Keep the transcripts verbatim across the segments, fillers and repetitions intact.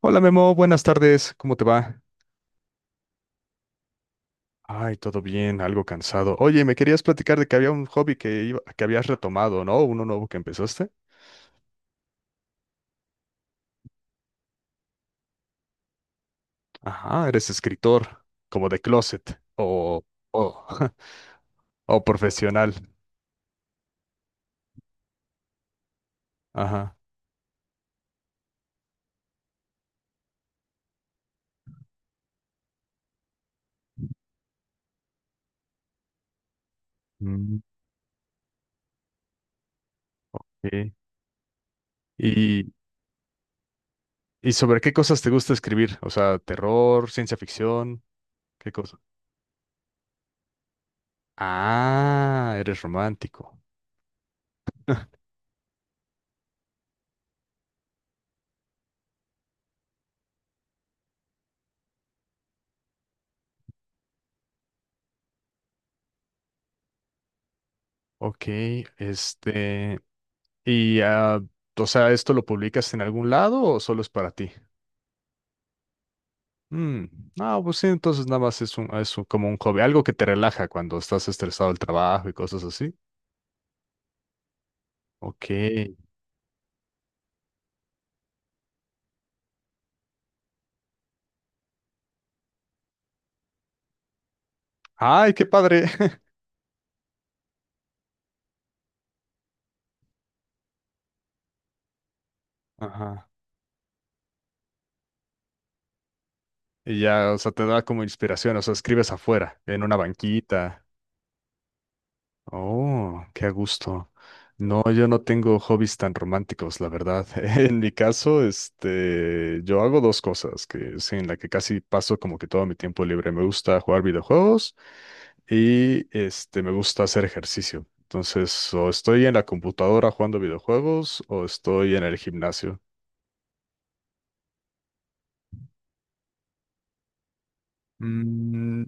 Hola Memo, buenas tardes, ¿cómo te va? Ay, todo bien, algo cansado. Oye, me querías platicar de que había un hobby que, iba- que habías retomado, ¿no? Uno nuevo que empezaste. Ajá, eres escritor, como de closet, o, o, o profesional. Ajá. Mm, sí. ¿Y, y sobre qué cosas te gusta escribir? O sea, terror, ciencia ficción, ¿qué cosa? Ah, eres romántico. Ok, este... ¿Y, ah, o sea, esto lo publicas en algún lado o solo es para ti? Mm. No, pues sí, entonces nada más es un, es un- como un hobby, algo que te relaja cuando estás estresado del trabajo y cosas así. Ok. Ay, qué padre. Ajá. Y ya, o sea, te da como inspiración, o sea, escribes afuera, en una banquita. Oh, qué a gusto. No, yo no tengo hobbies tan románticos, la verdad. En mi caso, este, yo hago dos cosas que sí, en la que casi paso como que todo mi tiempo libre. Me gusta jugar videojuegos y este, me gusta hacer ejercicio. Entonces, o estoy en la computadora jugando videojuegos o estoy en el gimnasio. Mm.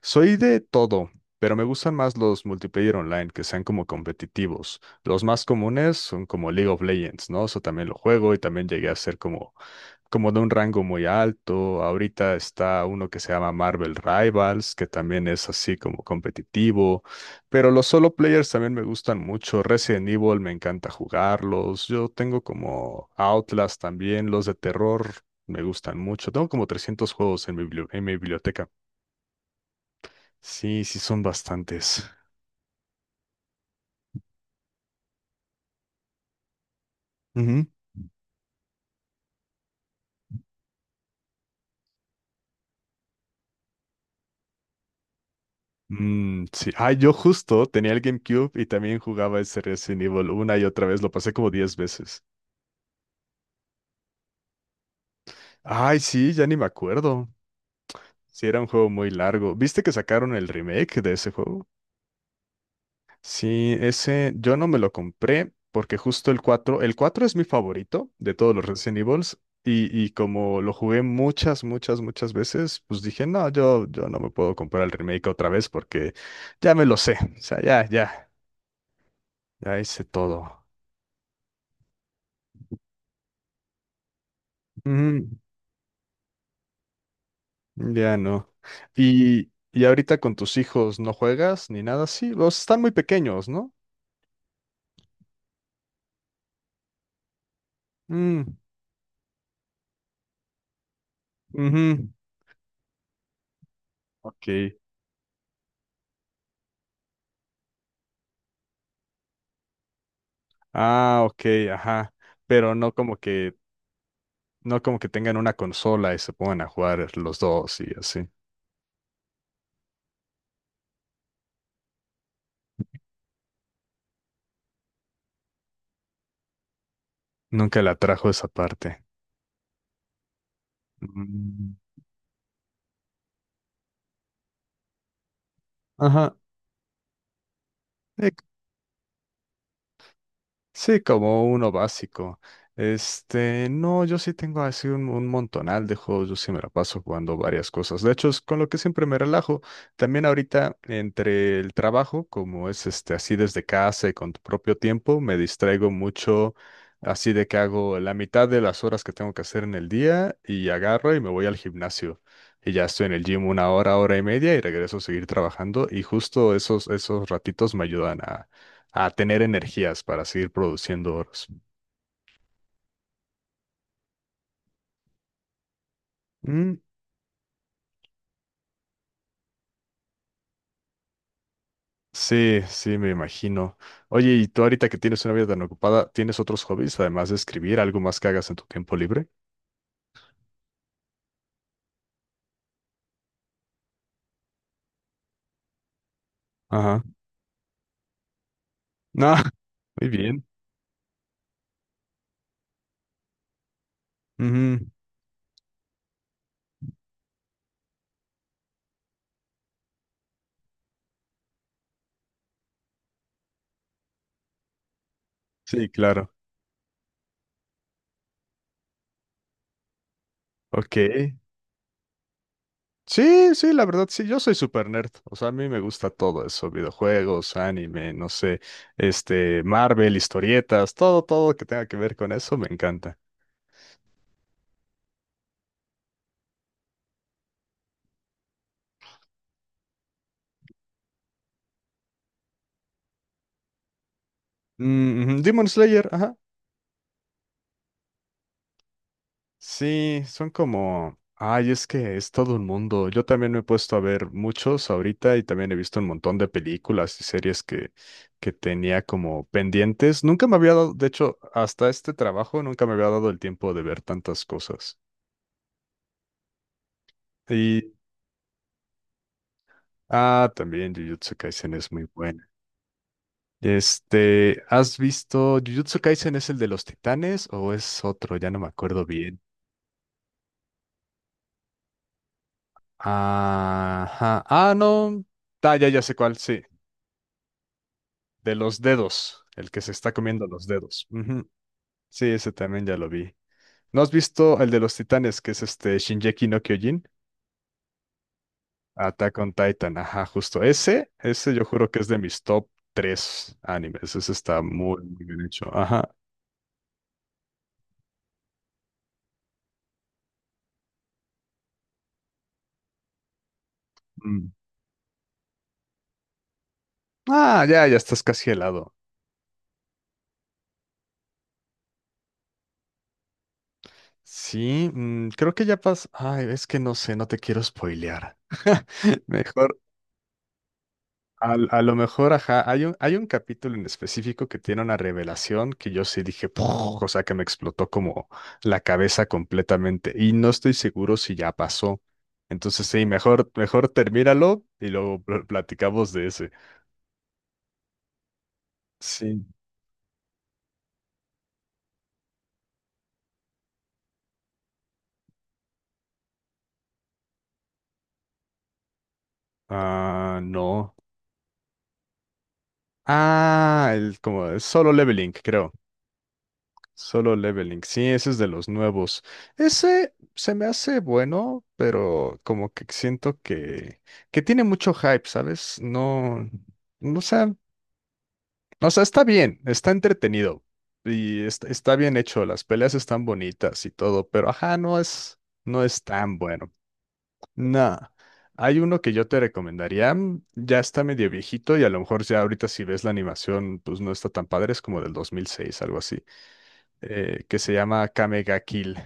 Soy de todo, pero me gustan más los multiplayer online que sean como competitivos. Los más comunes son como League of Legends, ¿no? Eso también lo juego y también llegué a ser como, como de un rango muy alto. Ahorita está uno que se llama Marvel Rivals, que también es así como competitivo. Pero los solo players también me gustan mucho. Resident Evil me encanta jugarlos. Yo tengo como Outlast también, los de terror. Me gustan mucho. Tengo como trescientos juegos en mi bibli- en mi biblioteca. Sí, sí son bastantes. Ujú. Mm, sí. Ah, yo justo tenía el GameCube y también jugaba ese Resident Evil una y otra vez. Lo pasé como diez veces. Ay, sí, ya ni me acuerdo. Sí, era un juego muy largo. ¿Viste que sacaron el remake de ese juego? Sí, ese yo no me lo compré porque justo el cuatro, el cuatro es mi favorito de todos los Resident Evils y, y como lo jugué muchas, muchas, muchas veces, pues dije, no, yo, yo no me puedo comprar el remake otra vez porque ya me lo sé. O sea, ya, ya. Ya hice todo. Mm, ya no. Y, y ahorita con tus hijos no juegas ni nada así. Los están muy pequeños, ¿no? Mm, ujú. Ok. Ah, ok, ajá. Pero no como que, no como que tengan una consola y se pongan a jugar los dos y así. Nunca la trajo esa parte. Mm. Ajá. Sí, como uno básico. Este, no, yo sí tengo así un, un montonal de juegos, yo sí me la paso jugando varias cosas. De hecho, es con lo que siempre me relajo. También ahorita entre el trabajo, como es este así desde casa y con tu propio tiempo, me distraigo mucho, así de que hago la mitad de las horas que tengo que hacer en el día y agarro y me voy al gimnasio. Y ya estoy en el gym una hora, hora y media y regreso a seguir trabajando y justo esos, esos ratitos me ayudan a tener energías para seguir produciendo oros. Mm, sí, sí, me imagino. Oye, y tú ahorita que tienes una vida tan ocupada, ¿tienes otros hobbies además de escribir, algo más que hagas en tu tiempo libre? Ajá. No, muy bien. Ujú. Sí, claro. Ok. Sí, sí, la verdad, sí, yo soy super nerd. O sea, a mí me gusta todo eso, videojuegos, anime, no sé, este, Marvel, historietas, todo, todo que tenga que ver con eso, me encanta. Mm, ujú, Demon Slayer, ajá. Sí, son como, ay, es que es todo un mundo. Yo también me he puesto a ver muchos ahorita y también he visto un montón de películas y series que, que tenía como pendientes. Nunca me había dado, de hecho, hasta este trabajo nunca me había dado el tiempo de ver tantas cosas. Y, ah, también Jujutsu Kaisen es muy buena. Este, ¿has visto Jujutsu Kaisen es el de los titanes o es otro? Ya no me acuerdo bien. Ajá. Ah, no. Ah, ya, ya sé cuál, sí. De los dedos, el que se está comiendo los dedos. Ujú. Sí, ese también ya lo vi. ¿No has visto el de los titanes, que es este Shingeki no Kyojin? Attack on Titan, ajá, justo. Ese, ese yo juro que es de mis top tres animes. Ese está muy, muy bien hecho. Ajá. Mm. Ah, ya, ya estás casi helado. Sí, mm, creo que ya pasó. Ay, es que no sé, no te quiero spoilear. Mejor. Al- A, lo mejor, ajá, hay un, hay un capítulo en específico que tiene una revelación que yo sí dije, "Puj", o sea, que me explotó como la cabeza completamente y no estoy seguro si ya pasó. Entonces, sí, mejor, mejor termínalo y luego pl- platicamos de ese. Sí. Ah, no. Ah, el como solo leveling, creo. Solo Leveling. Sí, ese es de los nuevos. Ese se me hace bueno, pero como que siento que, que tiene mucho hype, ¿sabes? No, no sé, sea, o sea, está bien, está entretenido y está, está bien hecho. Las peleas están bonitas y todo, pero ajá, no es, no es tan bueno. No. Hay uno que yo te recomendaría, mm, ya está medio viejito y a lo mejor ya ahorita si ves la animación, pues no está tan padre, es como del dos mil seis, algo así eh, que se llama Kamega Kill.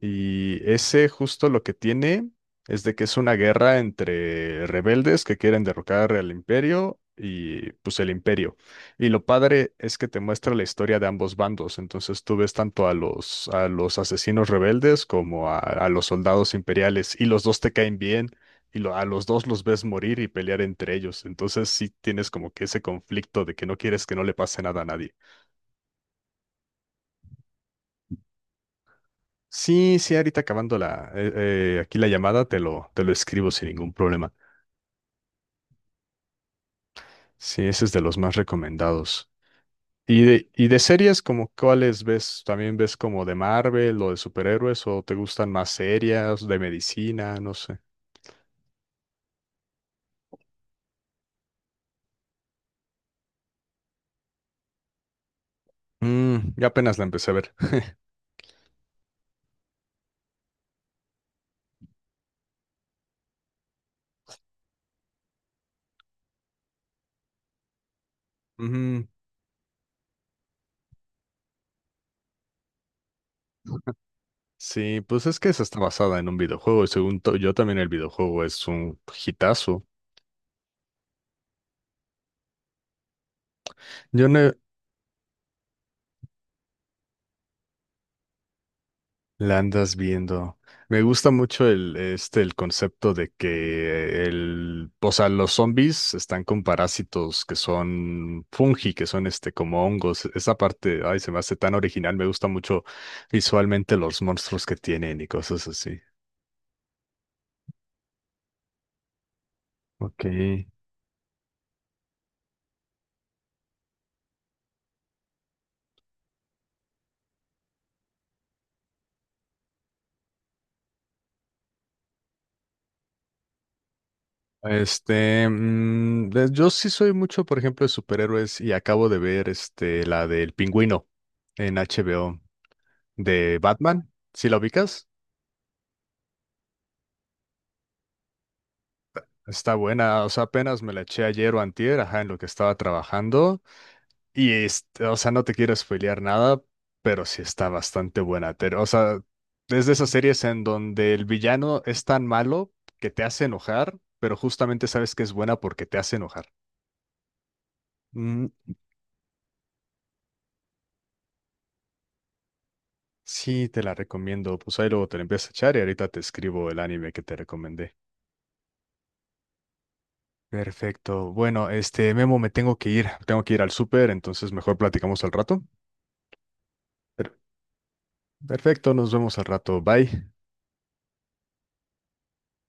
Y ese justo lo que tiene es de que es una guerra entre rebeldes que quieren derrocar al imperio y pues el imperio. Y lo padre es que te muestra la historia de ambos bandos. Entonces tú ves tanto a los, a los asesinos rebeldes como a, a los soldados imperiales y los dos te caen bien. Y lo- a los dos los ves morir y pelear entre ellos. Entonces sí tienes como que ese conflicto de que no quieres que no le pase nada a nadie. Sí, sí, ahorita acabando la, eh, eh, aquí la llamada, te lo, te lo escribo sin ningún problema. Sí, ese es de los más recomendados. ¿Y de, y de series como cuáles ves? ¿También ves como de Marvel o de superhéroes o te gustan más serias, de medicina? No sé. Mm, ya apenas la empecé a ver. Ujú. Sí, pues es que esa está basada en un videojuego y según to- yo también el videojuego es un hitazo. Yo no. La andas viendo. Me gusta mucho el, este, el concepto de que el, o sea, los zombies están con parásitos que son fungi, que son este, como hongos. Esa parte, ay, se me hace tan original. Me gusta mucho visualmente los monstruos que tienen y cosas así. Ok. Este, mm, de- yo sí soy mucho, por ejemplo, de superhéroes y acabo de ver este, la del Pingüino en H B O de Batman. ¿Sí la ubicas? Está buena, o sea, apenas me la eché ayer o antier, ajá, en lo que estaba trabajando. Y, este, o sea, no te quiero spoilear nada, pero sí está bastante buena. te- o sea, es de esas series en donde el villano es tan malo que te hace enojar, pero justamente sabes que es buena porque te hace enojar. Mm, sí, te la recomiendo. Pues ahí luego te la empiezas a echar y ahorita te escribo el anime que te recomendé. Perfecto. Bueno, este, Memo, me tengo que ir. Tengo que ir al súper, entonces mejor platicamos al rato. Perfecto, nos vemos al rato. Bye.